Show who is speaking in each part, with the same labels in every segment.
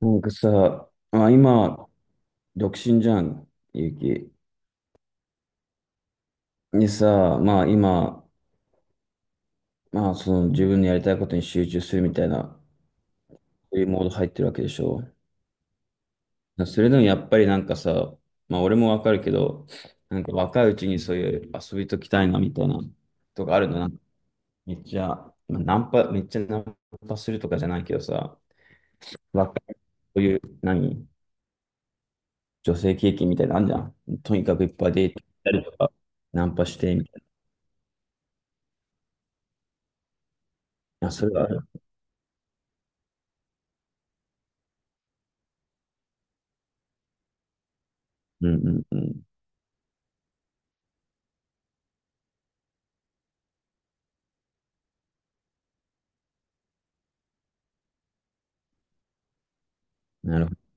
Speaker 1: なんかさ、まあ今、独身じゃん、ゆうき。でさ、まあ今、まあその自分のやりたいことに集中するみたいな、そういうモード入ってるわけでしょ。それでもやっぱりなんかさ、まあ俺もわかるけど、なんか若いうちにそういう遊びときたいなみたいなとかあるの、なんかめっちゃ、まあナンパ、めっちゃナンパするとかじゃないけどさ、若い、そういう、何、女性経験みたいなのあるじゃん。とにかくいっぱいデート行ったりとか、ナンパしてみたいな。あ、それはある。うんうんうん。なるほど。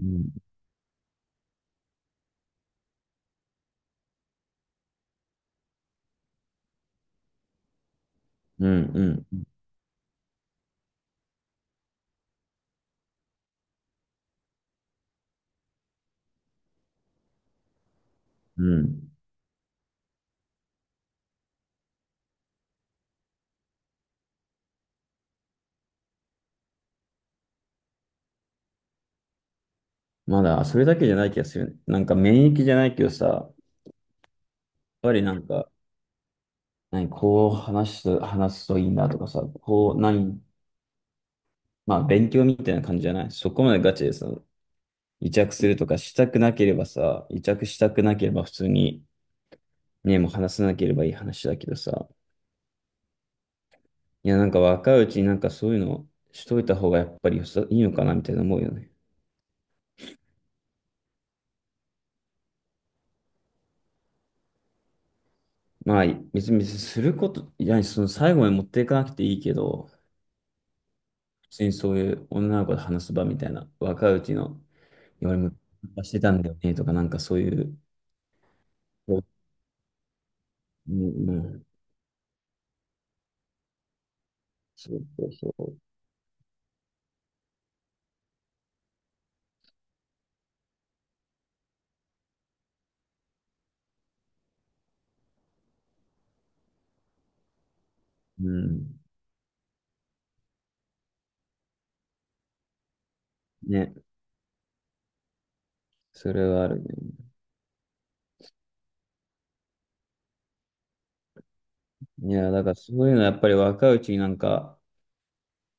Speaker 1: うんうんうんうん。まだ、それだけじゃない気がするよね。なんか免疫じゃないけどさ、やっぱりなんか、何、こう話すといいなとかさ、こう、何、まあ勉強みたいな感じじゃないそこまでガチでさ、癒着するとかしたくなければさ、癒着したくなければ普通に、ね、もう話さなければいい話だけどさ、いや、なんか若いうちになんかそういうのしといた方がやっぱりよさいいのかなみたいな思うよね。まあ、別に、別にすること、いや、その最後まで持っていかなくていいけど、普通にそういう女の子と話す場みたいな、若いうちの、いや、俺もしてたんだよね、とか、なんかそういう、そう、うん、うん、そうそうそう、うん、ね、それはあるね。いや、だからそういうのはやっぱり若いうちになんか、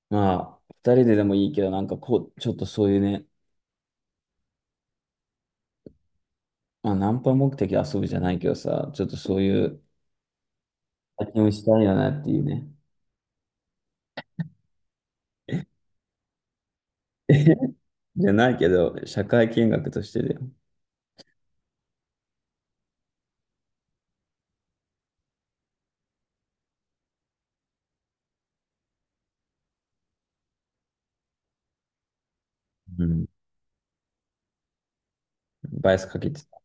Speaker 1: まあ、二人ででもいいけど、なんかこう、ちょっとそういうね、まあ、ナンパ目的で遊ぶじゃないけどさ、ちょっとそういう体験をしたいよなっていうね。じゃないけど、社会見学としてだよ。うん。バイアスかけてた。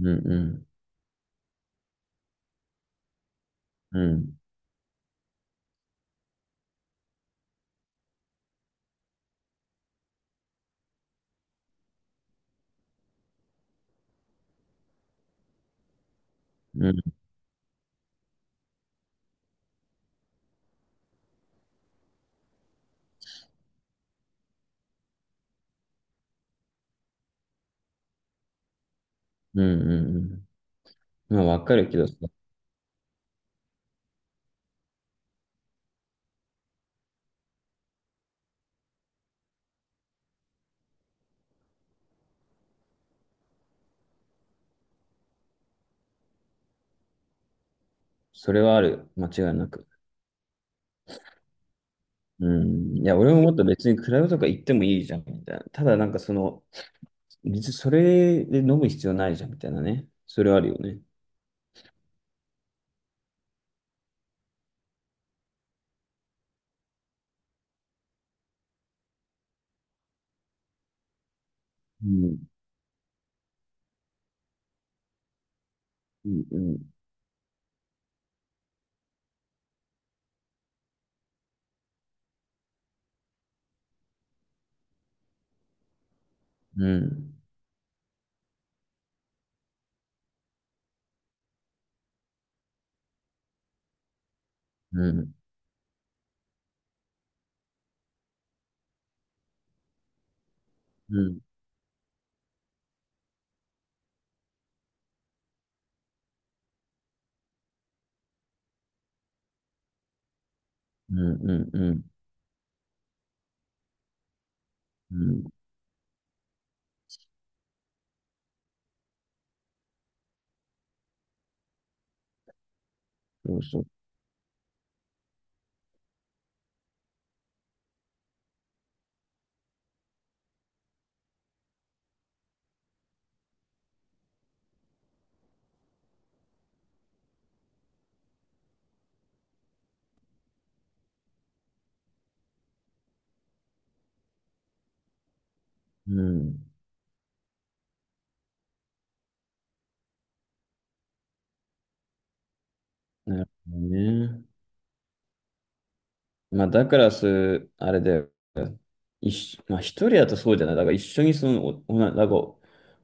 Speaker 1: うんうん。うん。うん。うんうん。まあ、わかるけど、そ、それはある。間違いなく。うん。いや、俺ももっと別にクラブとか行ってもいいじゃん、みたいな。ただ、なんかその、別にそれで飲む必要ないじゃん、みたいなね。それはあるよね。うん。うん。うん。うん。うん。うん。うん。うん。うんうん、そうそう。うん。なるほどね。まあ、だからす、あれだよ。一緒、まあ、一人だとそうじゃない。だから一緒にその、お、おな、だか、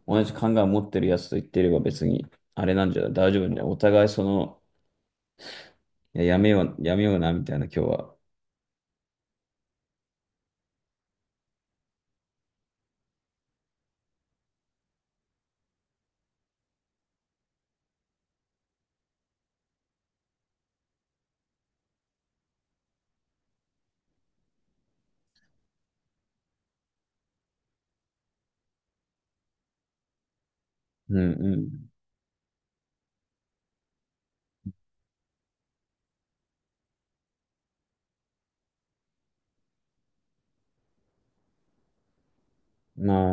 Speaker 1: 同じ考えを持ってるやつと言ってれば別に、あれなんじゃない大丈夫ね。お互いその、いや、やめよう、やめような、みたいな、今日は。うんうん。まあ、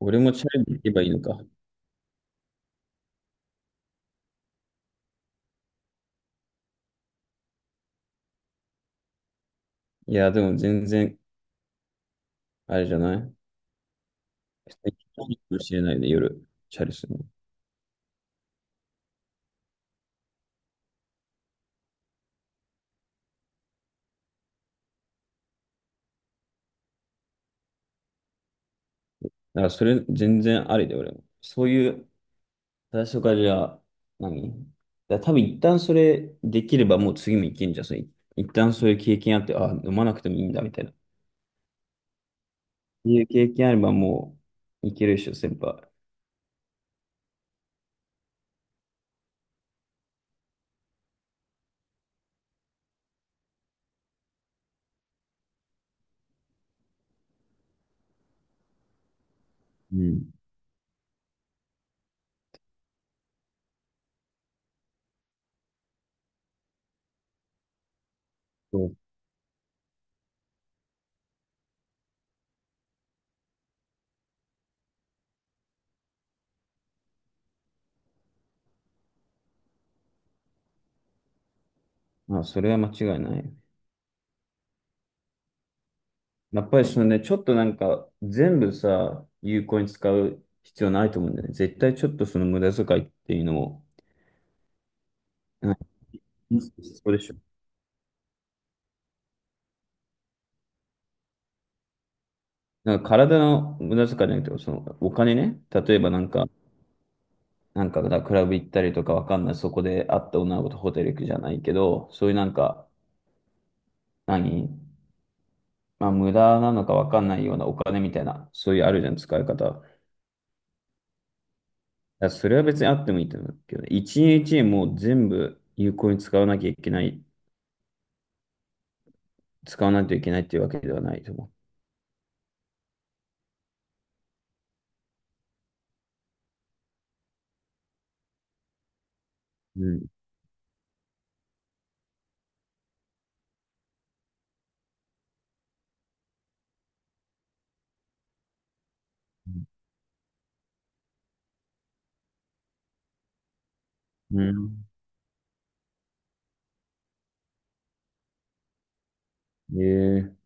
Speaker 1: 俺もチャレンジ行けばいいのか。いや、でも全然、あれじゃない普通に行けばいかもしれないで、夜、チャレするの。だからそれ、全然ありで、俺も。そういう最初からじゃあ、何、だから多分一旦それできればもう次もいけんじゃん。それ一旦そういう経験あって、あ、飲まなくてもいいんだみたいな。っていう経験あればもういけるでしょ、先輩。うん。そう。まあ、それは間違いない。やっぱりそのね、ちょっとなんか全部さ、有効に使う必要ないと思うんだよね。絶対ちょっとその無駄遣いっていうのも、うん、そうでしょ。なんか体の無駄遣いじゃなくて、そのお金ね。例えばなんか、なんか、だからクラブ行ったりとかわかんない。そこで会った女の子とホテル行くじゃないけど、そういうなんか、何、まあ、無駄なのかわかんないようなお金みたいな、そういうあるじゃん、使い方。だからそれは別にあってもいいと思うけどね、一円もう全部有効に使わなきゃいけない、使わないといけないっていうわけではないと思う。うん。うん。うん、ええ、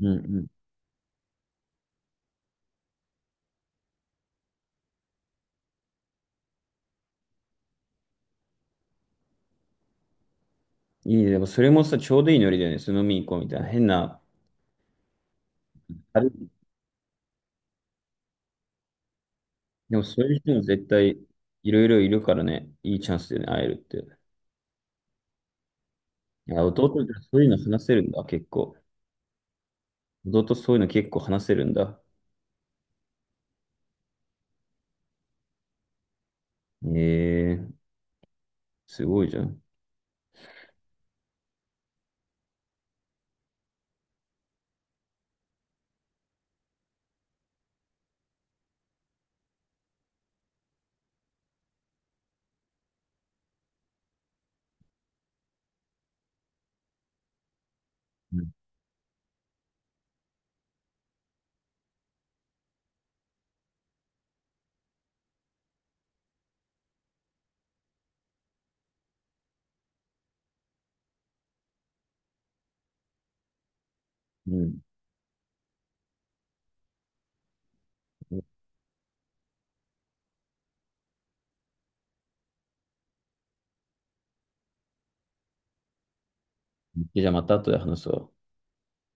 Speaker 1: うんうん。いいね。でもそれもさ、ちょうどいいノリだよね。その飲みに行こうみたいな。変な。あれ、でもそういう人も絶対いろいろいるからね。いいチャンスでね、会えるって。あ、弟ってそういうの話せるんだ、結構。弟そういうの結構話せるんだ。ええ、すごいじゃん。うん。うん。じゃあまた後で話すわ。